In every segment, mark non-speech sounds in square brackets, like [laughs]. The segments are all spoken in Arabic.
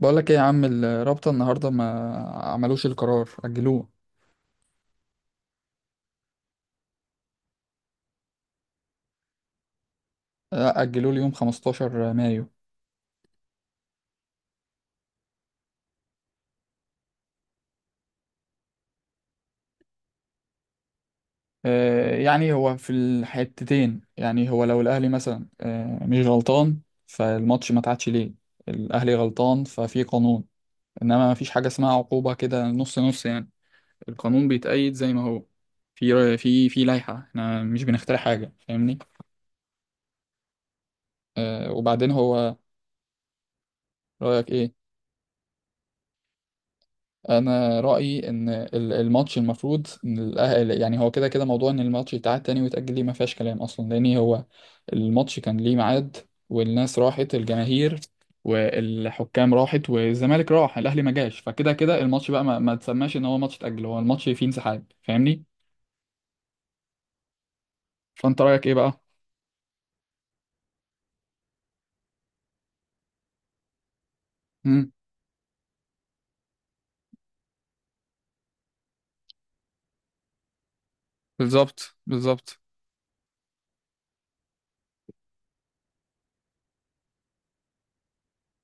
بقول لك ايه يا عم؟ الرابطة النهاردة ما عملوش القرار، أجلوه. أجلوه ليوم 15 مايو. يعني هو في الحتتين، يعني هو لو الأهلي مثلا مش غلطان فالماتش ما اتعادش ليه؟ الأهلي غلطان ففي قانون، إنما ما فيش حاجة اسمها عقوبة كده نص نص يعني. القانون بيتأيد زي ما هو، في لائحة، احنا مش بنخترع حاجة، فاهمني؟ وبعدين هو، رأيك ايه؟ انا رايي ان الماتش المفروض إن الأهل، يعني هو كده كده موضوع ان الماتش يتعاد تاني ويتاجل ليه ما فيهاش كلام اصلا، لان هو الماتش كان ليه ميعاد، والناس راحت، الجماهير والحكام راحت والزمالك راح، الاهلي ما جاش، فكده كده الماتش بقى ما تسماش ان هو ماتش اتاجل، هو الماتش فيه انسحاب، فاهمني؟ فانت رايك ايه بقى؟ امم. بالظبط، بالظبط.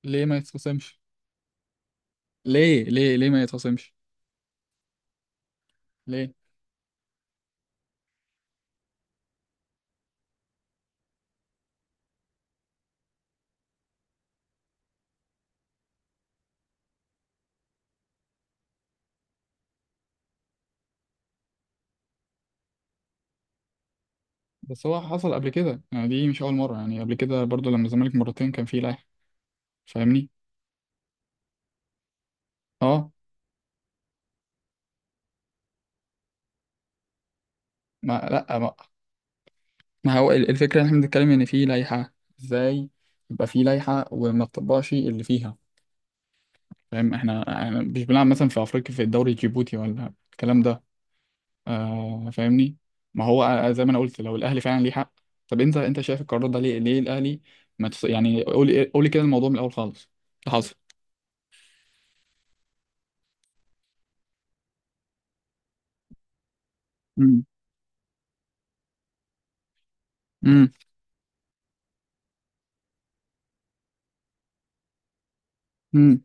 ليه ما يتخصمش؟ ليه ما يتخصمش؟ ليه بس هو حصل قبل كده يعني، دي مش اول مره يعني، قبل كده برضو لما الزمالك مرتين كان فيه، فاهمني. اه. ما لا ما, ما هو الفكره ان احنا بنتكلم ان في لائحه، ازاي يبقى في لائحه وما تطبقش اللي فيها؟ فاهم، احنا مش بنلعب مثلا في افريقيا في الدوري الجيبوتي ولا الكلام ده، فاهمني. ما هو، زي ما انا قلت لو الاهلي فعلا ليه حق. طب انت شايف القرار ده ليه الاهلي ما تص... يعني قولي قولي كده الموضوع من الاول خالص، اللي حصل. امم. امم. امم.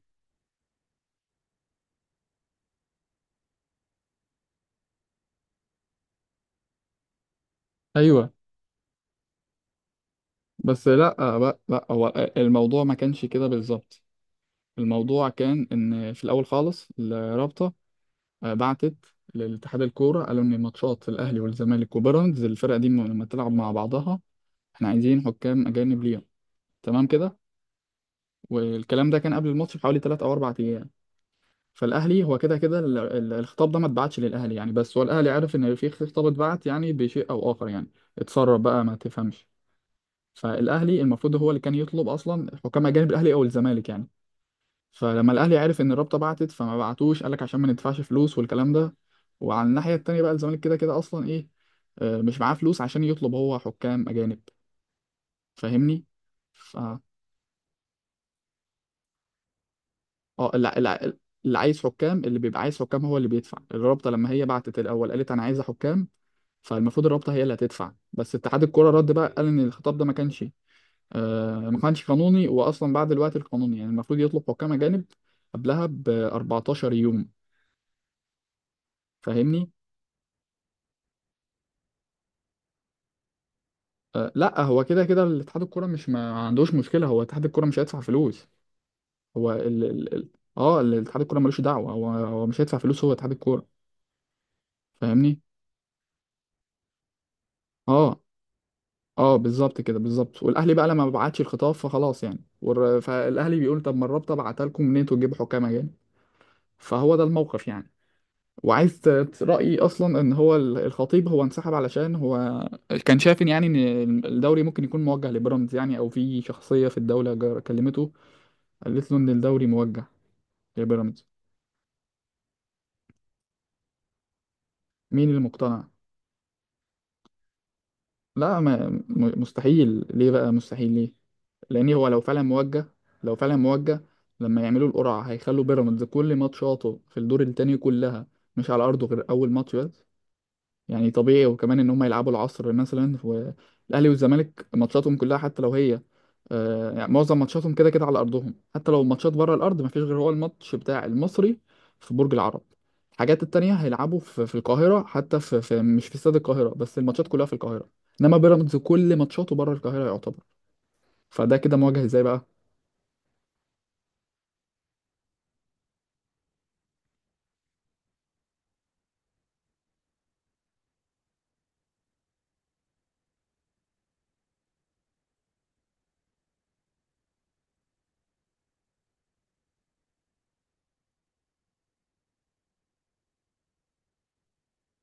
ايوه. بس لا، لا لا، هو الموضوع ما كانش كده بالظبط. الموضوع كان ان في الاول خالص الرابطه بعتت لاتحاد الكوره، قالوا ان ماتشات الاهلي والزمالك وبيراميدز، الفرقه دي لما تلعب مع بعضها احنا عايزين حكام اجانب ليهم، تمام كده؟ والكلام ده كان قبل الماتش بحوالي 3 او 4 ايام. فالاهلي هو كده كده الخطاب ده ما اتبعتش للاهلي يعني، بس هو الاهلي عارف ان في خطاب اتبعت يعني بشيء او اخر يعني، اتسرب بقى ما تفهمش. فالاهلي المفروض هو اللي كان يطلب اصلا حكام اجانب، الاهلي او الزمالك يعني. فلما الاهلي عرف ان الرابطه بعتت، فما بعتوش، قال لك عشان ما ندفعش فلوس والكلام ده. وعلى الناحيه التانيه بقى الزمالك كده كده اصلا ايه، مش معاه فلوس عشان يطلب هو حكام اجانب، فاهمني. ف اه، لا لا، اللي عايز حكام، اللي بيبقى عايز حكام هو اللي بيدفع. الرابطه لما هي بعتت الاول قالت انا عايزه حكام، فالمفروض الرابطه هي اللي هتدفع. بس اتحاد الكوره رد بقى، قال ان الخطاب ده ما كانش، ما كانش قانوني، واصلا بعد الوقت القانوني، يعني المفروض يطلب حكام اجانب قبلها ب 14 يوم، فاهمني. لا هو كده كده الاتحاد الكوره مش، ما عندوش مشكله، هو اتحاد الكوره مش هيدفع فلوس. هو اه، الاتحاد الكوره ملوش دعوه، هو مش هيدفع فلوس هو اتحاد الكوره، فاهمني. اه، اه، بالظبط كده بالظبط. والاهلي بقى لما ما بعتش الخطاب فخلاص يعني، فالاهلي بيقول طب ما الرابطه بعتها لكم منين انتوا تجيبوا حكام اجانب؟ فهو ده الموقف يعني. وعايز رايي اصلا ان هو الخطيب هو انسحب علشان هو كان شايف إن، يعني ان الدوري ممكن يكون موجه لبيراميدز يعني، او في شخصيه في الدوله كلمته قالت له ان الدوري موجه. يا بيراميدز. مين اللي مقتنع؟ لا ما م- مستحيل، ليه بقى مستحيل ليه؟ لان هو لو فعلا موجه لما يعملوا القرعه هيخلوا بيراميدز كل ماتشاته في الدور التاني كلها مش على ارضه، غير اول ماتش بس يعني طبيعي. وكمان ان هم يلعبوا العصر مثلا، والاهلي والزمالك ماتشاتهم كلها حتى لو هي، يعني معظم ماتشاتهم كده كده على ارضهم، حتى لو الماتشات بره الارض مفيش غير هو الماتش بتاع المصري في برج العرب. الحاجات التانية هيلعبوا في القاهرة، حتى في مش في استاد القاهرة بس، الماتشات كلها في القاهرة، انما بيراميدز كل ماتشاته بره القاهرة يعتبر. فده كده مواجهة ازاي بقى؟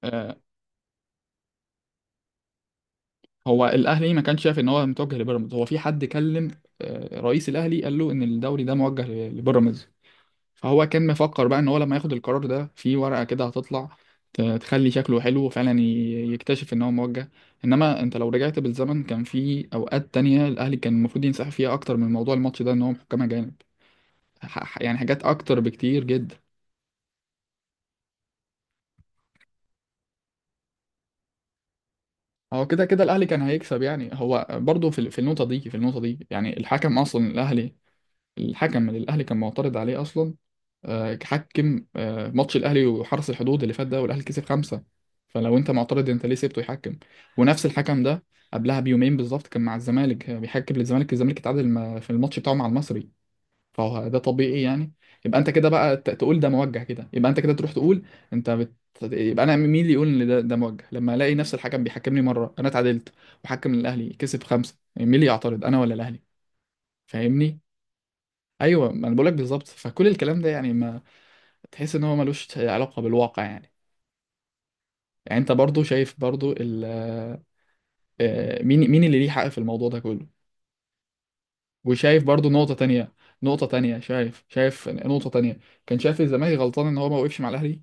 آه، هو الاهلي ما كانش شايف ان هو متوجه لبيراميدز، هو في حد كلم رئيس الاهلي قال له ان الدوري ده موجه لبيراميدز، فهو كان مفكر بقى ان هو لما ياخد القرار ده في ورقة كده هتطلع تخلي شكله حلو، وفعلا يكتشف ان هو موجه. انما انت لو رجعت بالزمن كان في اوقات تانية الاهلي كان المفروض ينسحب فيها اكتر من موضوع الماتش ده، ان هو محكمة جانب، يعني حاجات اكتر بكتير جدا. هو كده كده الاهلي كان هيكسب يعني، هو برضه في النقطة دي، يعني الحكم اصلا الاهلي، الحكم من الاهلي كان معترض عليه اصلا. حكم ماتش الاهلي وحرس الحدود اللي فات ده والاهلي كسب 5. فلو انت معترض انت ليه سيبته يحكم؟ ونفس الحكم ده قبلها بيومين بالظبط كان مع الزمالك، بيحكم للزمالك، الزمالك اتعادل في الماتش بتاعه مع المصري، فهو ده طبيعي يعني. يبقى انت كده بقى تقول ده موجه، كده يبقى انت كده تروح تقول، انت بت... يبقى انا مين اللي يقول ان ده موجه لما الاقي نفس الحكم بيحكمني مره انا اتعادلت، وحكم الاهلي كسب 5؟ يعني مين اللي يعترض، انا ولا الاهلي؟ فاهمني. ايوه، ما انا بقولك بالظبط، فكل الكلام ده يعني ما تحس ان هو ملوش علاقه بالواقع يعني. يعني انت برضو شايف برضو ال آه، مين اللي ليه حق في الموضوع ده كله؟ وشايف برضو نقطه تانية. نقطه تانية، شايف نقطه تانية، كان شايف الزمالك غلطان ان هو ما وقفش مع الاهلي.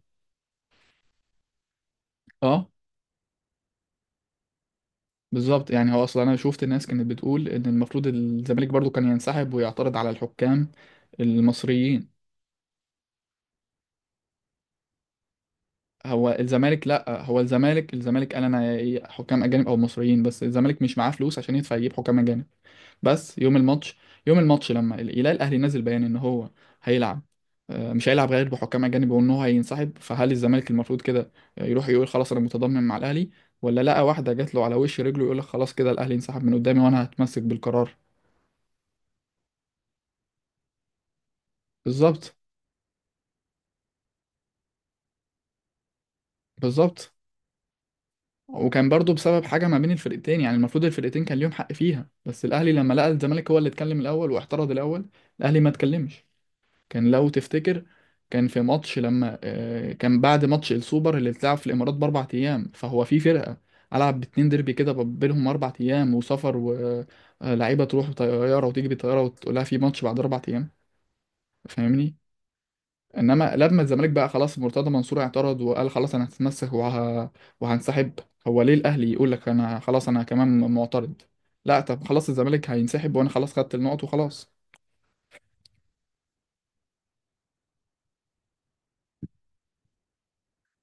اه، بالظبط، يعني هو اصلا انا شفت الناس كانت بتقول ان المفروض الزمالك برضو كان ينسحب ويعترض على الحكام المصريين. هو الزمالك، لا، هو الزمالك قال انا حكام اجانب او مصريين، بس الزمالك مش معاه فلوس عشان يدفع يجيب حكام اجانب. بس يوم الماتش لما يلاقي الاهلي نازل بيان ان هو هيلعب، مش هيلعب غير بحكام اجانب، وان هو هينسحب، فهل الزمالك المفروض كده يروح يقول خلاص انا متضامن مع الاهلي، ولا لقى واحده جات له على وش رجله يقول لك خلاص كده الاهلي انسحب من قدامي وانا هتمسك بالقرار؟ بالظبط، بالظبط. وكان برضو بسبب حاجه ما بين الفرقتين يعني، المفروض الفرقتين كان ليهم حق فيها، بس الاهلي لما لقى الزمالك هو اللي اتكلم الاول واعترض الاول، الاهلي ما اتكلمش. كان لو تفتكر كان في ماتش لما، كان بعد ماتش السوبر اللي اتلعب في الامارات باربع ايام، فهو في فرقه العب باتنين ديربي كده بينهم اربع ايام وسفر، ولاعيبه تروح بطياره وتيجي بطياره وتقول لها في ماتش بعد اربع ايام، فاهمني. انما لما الزمالك بقى خلاص مرتضى منصور اعترض وقال خلاص انا هتمسك وهنسحب، هو ليه الاهلي يقول لك انا خلاص انا كمان معترض؟ لا، طب خلاص الزمالك هينسحب وانا خلاص خدت النقط وخلاص.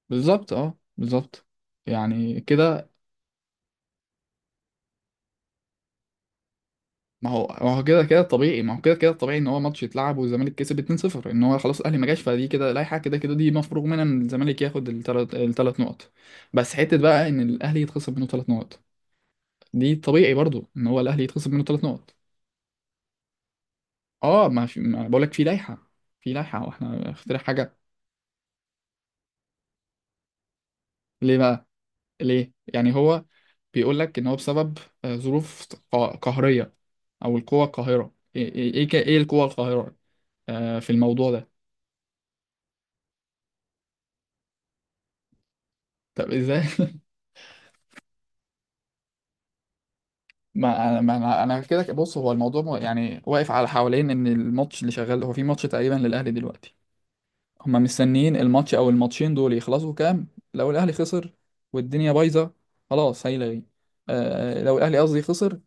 بالظبط، اه بالظبط يعني كده. ما هو كده كده طبيعي، ما هو كده كده طبيعي ان هو ماتش يتلعب والزمالك كسب 2-0، ان هو خلاص الاهلي ما جاش، فدي كده لائحه، كده كده دي مفروغ منها ان الزمالك ياخد الثلاث نقط. بس حته بقى ان الاهلي يتخصم منه ثلاث نقط، دي طبيعي برضو ان هو الاهلي يتخصم منه ثلاث نقط. اه، ما بقول لك في لائحه واحنا اخترع حاجه. ليه بقى ليه يعني؟ هو بيقول لك ان هو بسبب ظروف قهريه، او القوه القاهره. ايه ايه ايه إيه القوه القاهره في الموضوع ده؟ طب ازاي [laughs] ما انا ما انا أنا كده بص، هو الموضوع يعني واقف على حوالين ان الماتش اللي شغال، هو في ماتش تقريبا للاهلي دلوقتي، هما مستنيين الماتش او الماتشين دول يخلصوا كام. لو الاهلي خسر والدنيا بايظه خلاص هيلغي، لو الاهلي قصدي خسر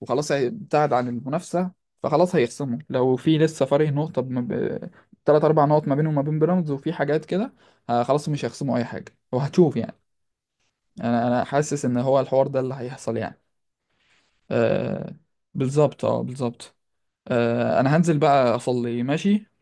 وخلاص ابتعد عن المنافسه، فخلاص هيخصموا، لو في لسه فارق نقطه ثلاث اربع نقط ما بينهم وما بين بيراميدز وفي حاجات كده، آه خلاص مش هيخصموا اي حاجه، وهتشوف يعني. انا حاسس ان هو الحوار ده اللي هيحصل يعني. آه، بالظبط، اه بالظبط. انا هنزل بقى اصلي، ماشي.